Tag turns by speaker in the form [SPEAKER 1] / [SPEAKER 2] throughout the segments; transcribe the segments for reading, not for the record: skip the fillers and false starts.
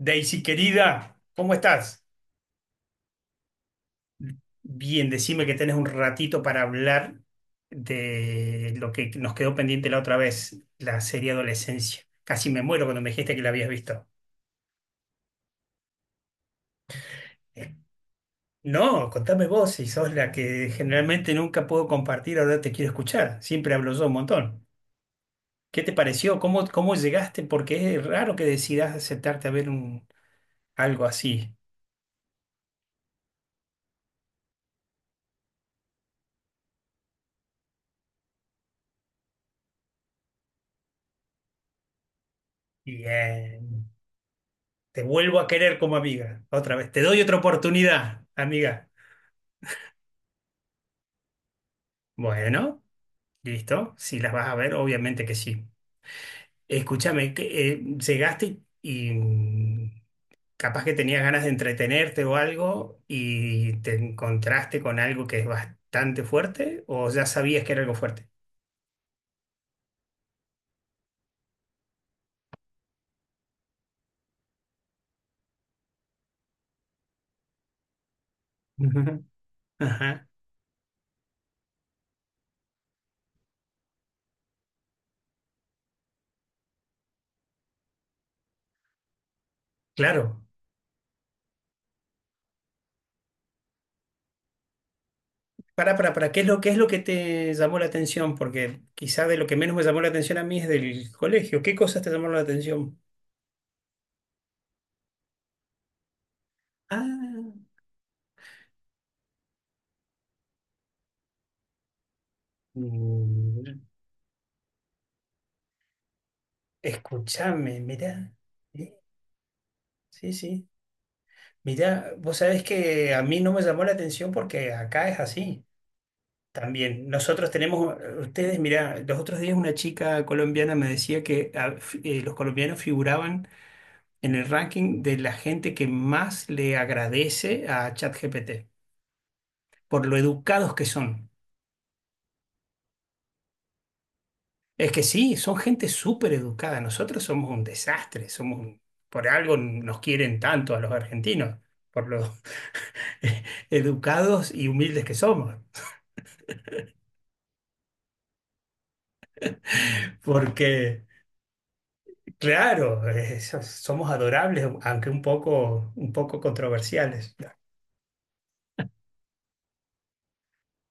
[SPEAKER 1] Daisy, querida, ¿cómo estás? Bien, decime que tenés un ratito para hablar de lo que nos quedó pendiente la otra vez, la serie Adolescencia. Casi me muero cuando me dijiste que la habías visto. No, contame vos, si sos la que generalmente nunca puedo compartir, ahora te quiero escuchar. Siempre hablo yo un montón. ¿Qué te pareció? ¿Cómo llegaste? Porque es raro que decidas aceptarte a ver algo así. Bien, te vuelvo a querer como amiga, otra vez. Te doy otra oportunidad, amiga. Bueno, listo. Si las vas a ver, obviamente que sí. Escúchame, que, llegaste y, y capaz que tenías ganas de entretenerte o algo y te encontraste con algo que es bastante fuerte o ya sabías que era algo fuerte. Ujú. Ajá, claro. Para, qué es lo que te llamó la atención? Porque quizá de lo que menos me llamó la atención a mí es del colegio. ¿Qué cosas te llamaron la atención? Ah, mm, escúchame, mira. Sí, sí. Mira, vos sabés que a mí no me llamó la atención porque acá es así también. Nosotros tenemos, ustedes, mira, los otros días una chica colombiana me decía que los colombianos figuraban en el ranking de la gente que más le agradece a ChatGPT por lo educados que son. Es que sí, son gente súper educada. Nosotros somos un desastre, por algo nos quieren tanto a los argentinos, por lo educados y humildes que somos. Porque Claro, somos adorables, aunque un poco controversiales.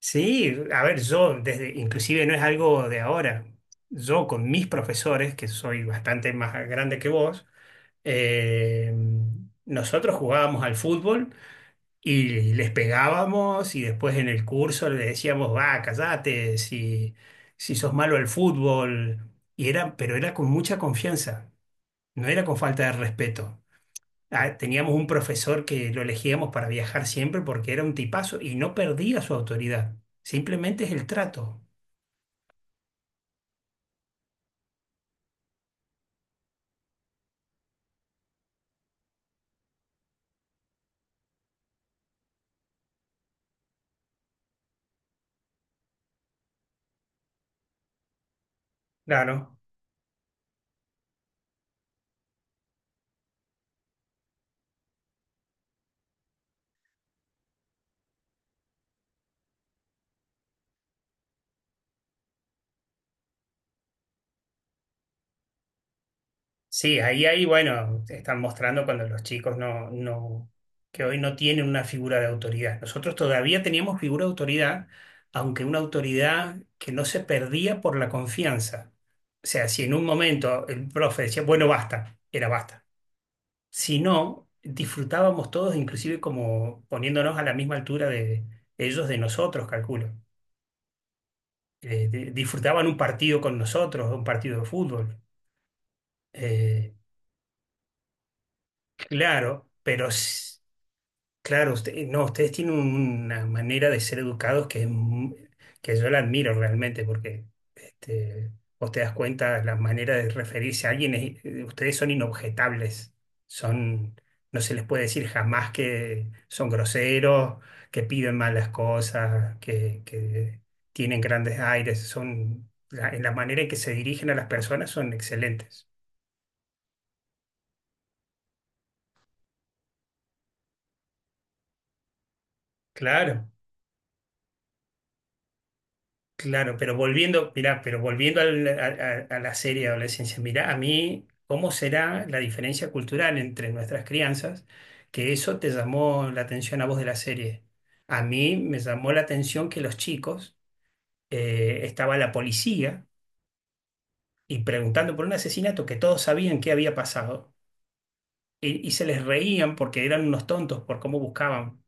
[SPEAKER 1] Sí, a ver, yo desde, inclusive no es algo de ahora. Yo con mis profesores, que soy bastante más grande que vos, eh, nosotros jugábamos al fútbol y les pegábamos y después en el curso le decíamos, va, callate, si sos malo al fútbol. Y era, pero era con mucha confianza, no era con falta de respeto. Ah, teníamos un profesor que lo elegíamos para viajar siempre porque era un tipazo y no perdía su autoridad. Simplemente es el trato. Claro. Sí, ahí, ahí, bueno, te están mostrando cuando los chicos que hoy no tienen una figura de autoridad. Nosotros todavía teníamos figura de autoridad, aunque una autoridad que no se perdía por la confianza. O sea, si en un momento el profe decía, bueno, basta, era basta. Si no, disfrutábamos todos, inclusive como poniéndonos a la misma altura de ellos, de nosotros, calculo. Disfrutaban un partido con nosotros, un partido de fútbol. Eh, claro, pero claro, no, ustedes tienen una manera de ser educados que, que yo la admiro realmente, porque este, vos te das cuenta, la manera de referirse a alguien, ustedes son inobjetables, son, no se les puede decir jamás que son groseros, que piden malas cosas, que tienen grandes aires, son, la- en la manera en que se dirigen a las personas son excelentes. Claro. Claro, pero volviendo, mirá, pero volviendo a la serie de adolescencia, mirá, a mí, ¿cómo será la diferencia cultural entre nuestras crianzas? Que eso te llamó la atención a vos de la serie. A mí me llamó la atención que los chicos, estaba la policía y preguntando por un asesinato que todos sabían que había pasado y se les reían porque eran unos tontos por cómo buscaban.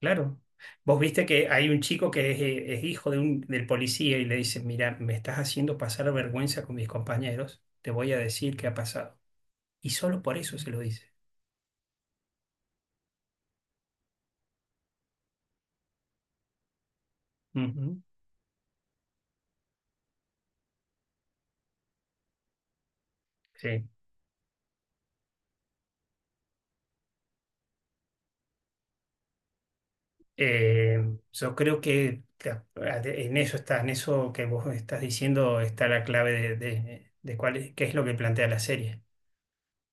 [SPEAKER 1] Claro. Vos viste que hay un chico que es hijo de un, del policía y le dice, mira, me estás haciendo pasar vergüenza con mis compañeros, te voy a decir qué ha pasado. Y solo por eso se lo dice. Ujú. Sí. Eh, yo creo que en eso está, en eso que vos estás diciendo está la clave de cuál es, qué es lo que plantea la serie.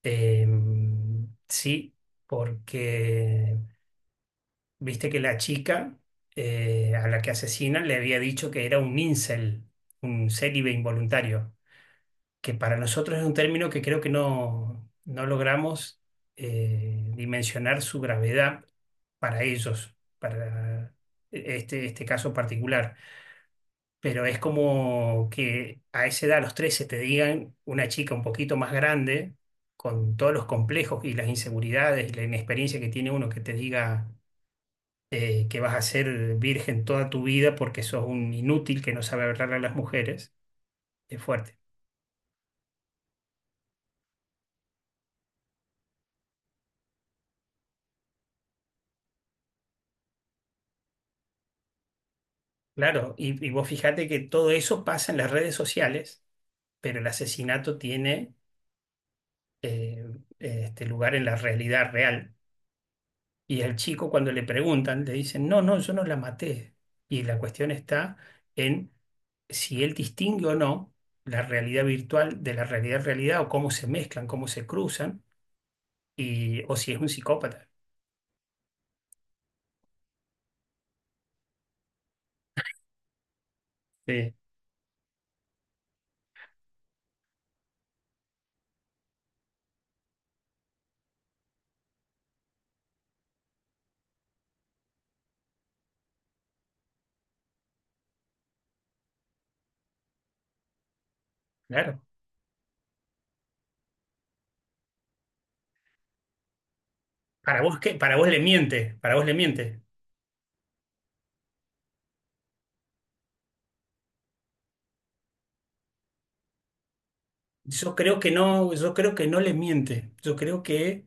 [SPEAKER 1] Eh, sí, porque viste que la chica a la que asesinan le había dicho que era un incel, un célibe involuntario, que para nosotros es un término que creo que no logramos dimensionar su gravedad para ellos, para este caso particular. Pero es como que a esa edad, a los 13 te digan una chica un poquito más grande, con todos los complejos y las inseguridades y la inexperiencia que tiene uno, que te diga que vas a ser virgen toda tu vida porque sos un inútil que no sabe hablarle a las mujeres, es fuerte. Claro, y vos fíjate que todo eso pasa en las redes sociales, pero el asesinato tiene eh, este lugar en la realidad real. Y al chico cuando le preguntan, le dicen, no, no, yo no la maté. Y la cuestión está en si él distingue o no la realidad virtual de la realidad realidad o cómo se mezclan, cómo se cruzan, y, o si es un psicópata. Sí. Claro. Para vos que, para vos le miente, para vos le miente. Yo creo que no, yo creo que no le miente. Yo creo que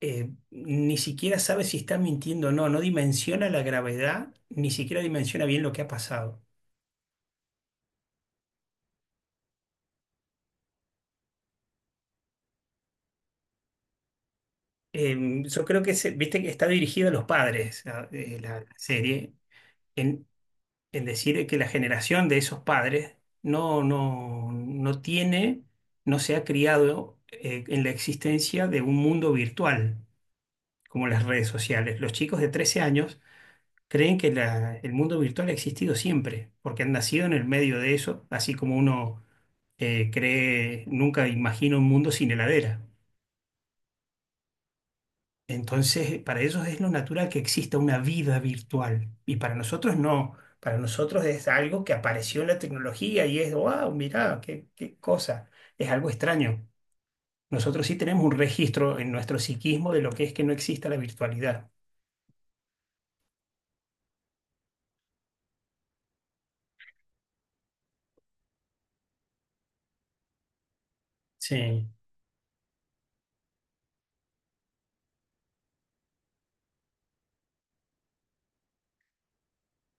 [SPEAKER 1] ni siquiera sabe si está mintiendo o no, no dimensiona la gravedad, ni siquiera dimensiona bien lo que ha pasado. Yo creo que viste que está dirigida a los padres, la serie, en, en decir que la generación de esos padres no tiene, no se ha criado en la existencia de un mundo virtual como las redes sociales. Los chicos de 13 años creen que el mundo virtual ha existido siempre, porque han nacido en el medio de eso, así como uno cree, nunca imagina un mundo sin heladera. Entonces, para ellos es lo natural que exista una vida virtual y para nosotros no. Para nosotros es algo que apareció en la tecnología y es, wow, mirá, qué, qué cosa. Es algo extraño. Nosotros sí tenemos un registro en nuestro psiquismo de lo que es que no exista la virtualidad. Sí.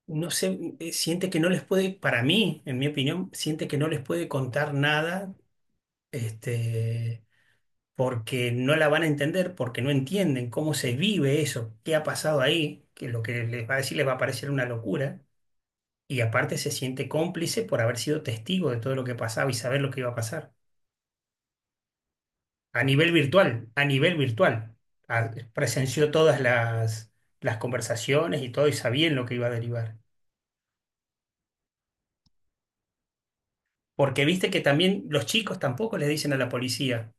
[SPEAKER 1] No sé, siente que no les puede, para mí, en mi opinión, siente que no les puede contar nada, este, porque no la van a entender, porque no entienden cómo se vive eso, qué ha pasado ahí, que lo que les va a decir les va a parecer una locura, y aparte se siente cómplice por haber sido testigo de todo lo que pasaba y saber lo que iba a pasar. A nivel virtual, presenció todas las conversaciones y todo y sabían lo que iba a derivar. Porque viste que también los chicos tampoco les dicen a la policía.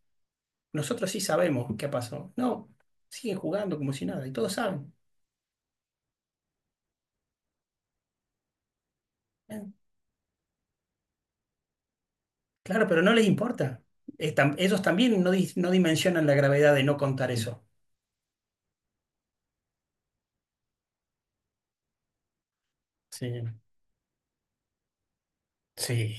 [SPEAKER 1] Nosotros sí sabemos qué pasó. No, siguen jugando como si nada y todos saben. Eh, Claro, pero no les importa. Ellos también no dimensionan la gravedad de no contar eso. Sí. Sí.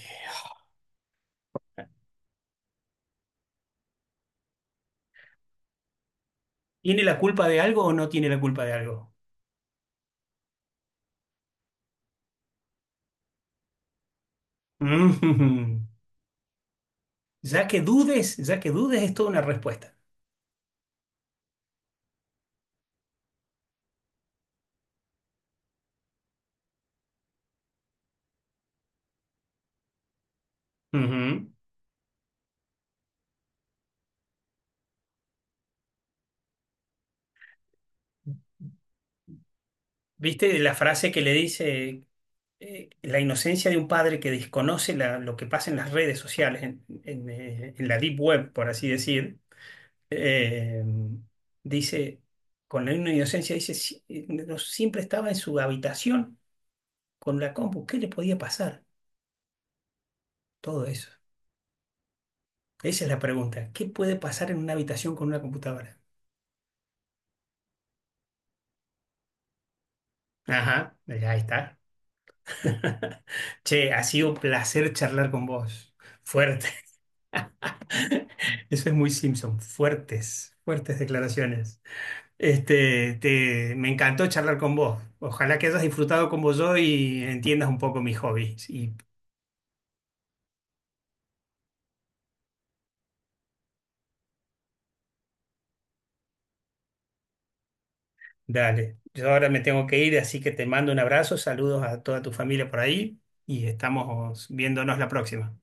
[SPEAKER 1] ¿Tiene la culpa de algo o no tiene la culpa de algo? Mm. Ya que dudes es toda una respuesta. Ujú. ¿Viste la frase que le dice la inocencia de un padre que desconoce lo que pasa en las redes sociales, en la deep web, por así decir? eh, dice, con la misma inocencia, dice, no, siempre estaba en su habitación con la compu. ¿Qué le podía pasar? Todo eso. Esa es la pregunta. ¿Qué puede pasar en una habitación con una computadora?" Ajá, ya está. Che, ha sido un placer charlar con vos. Fuerte. Eso es muy Simpson. Fuertes, fuertes declaraciones. Me encantó charlar con vos. Ojalá que hayas disfrutado como yo y entiendas un poco mis hobbies y dale, yo ahora me tengo que ir, así que te mando un abrazo, saludos a toda tu familia por ahí y estamos viéndonos la próxima.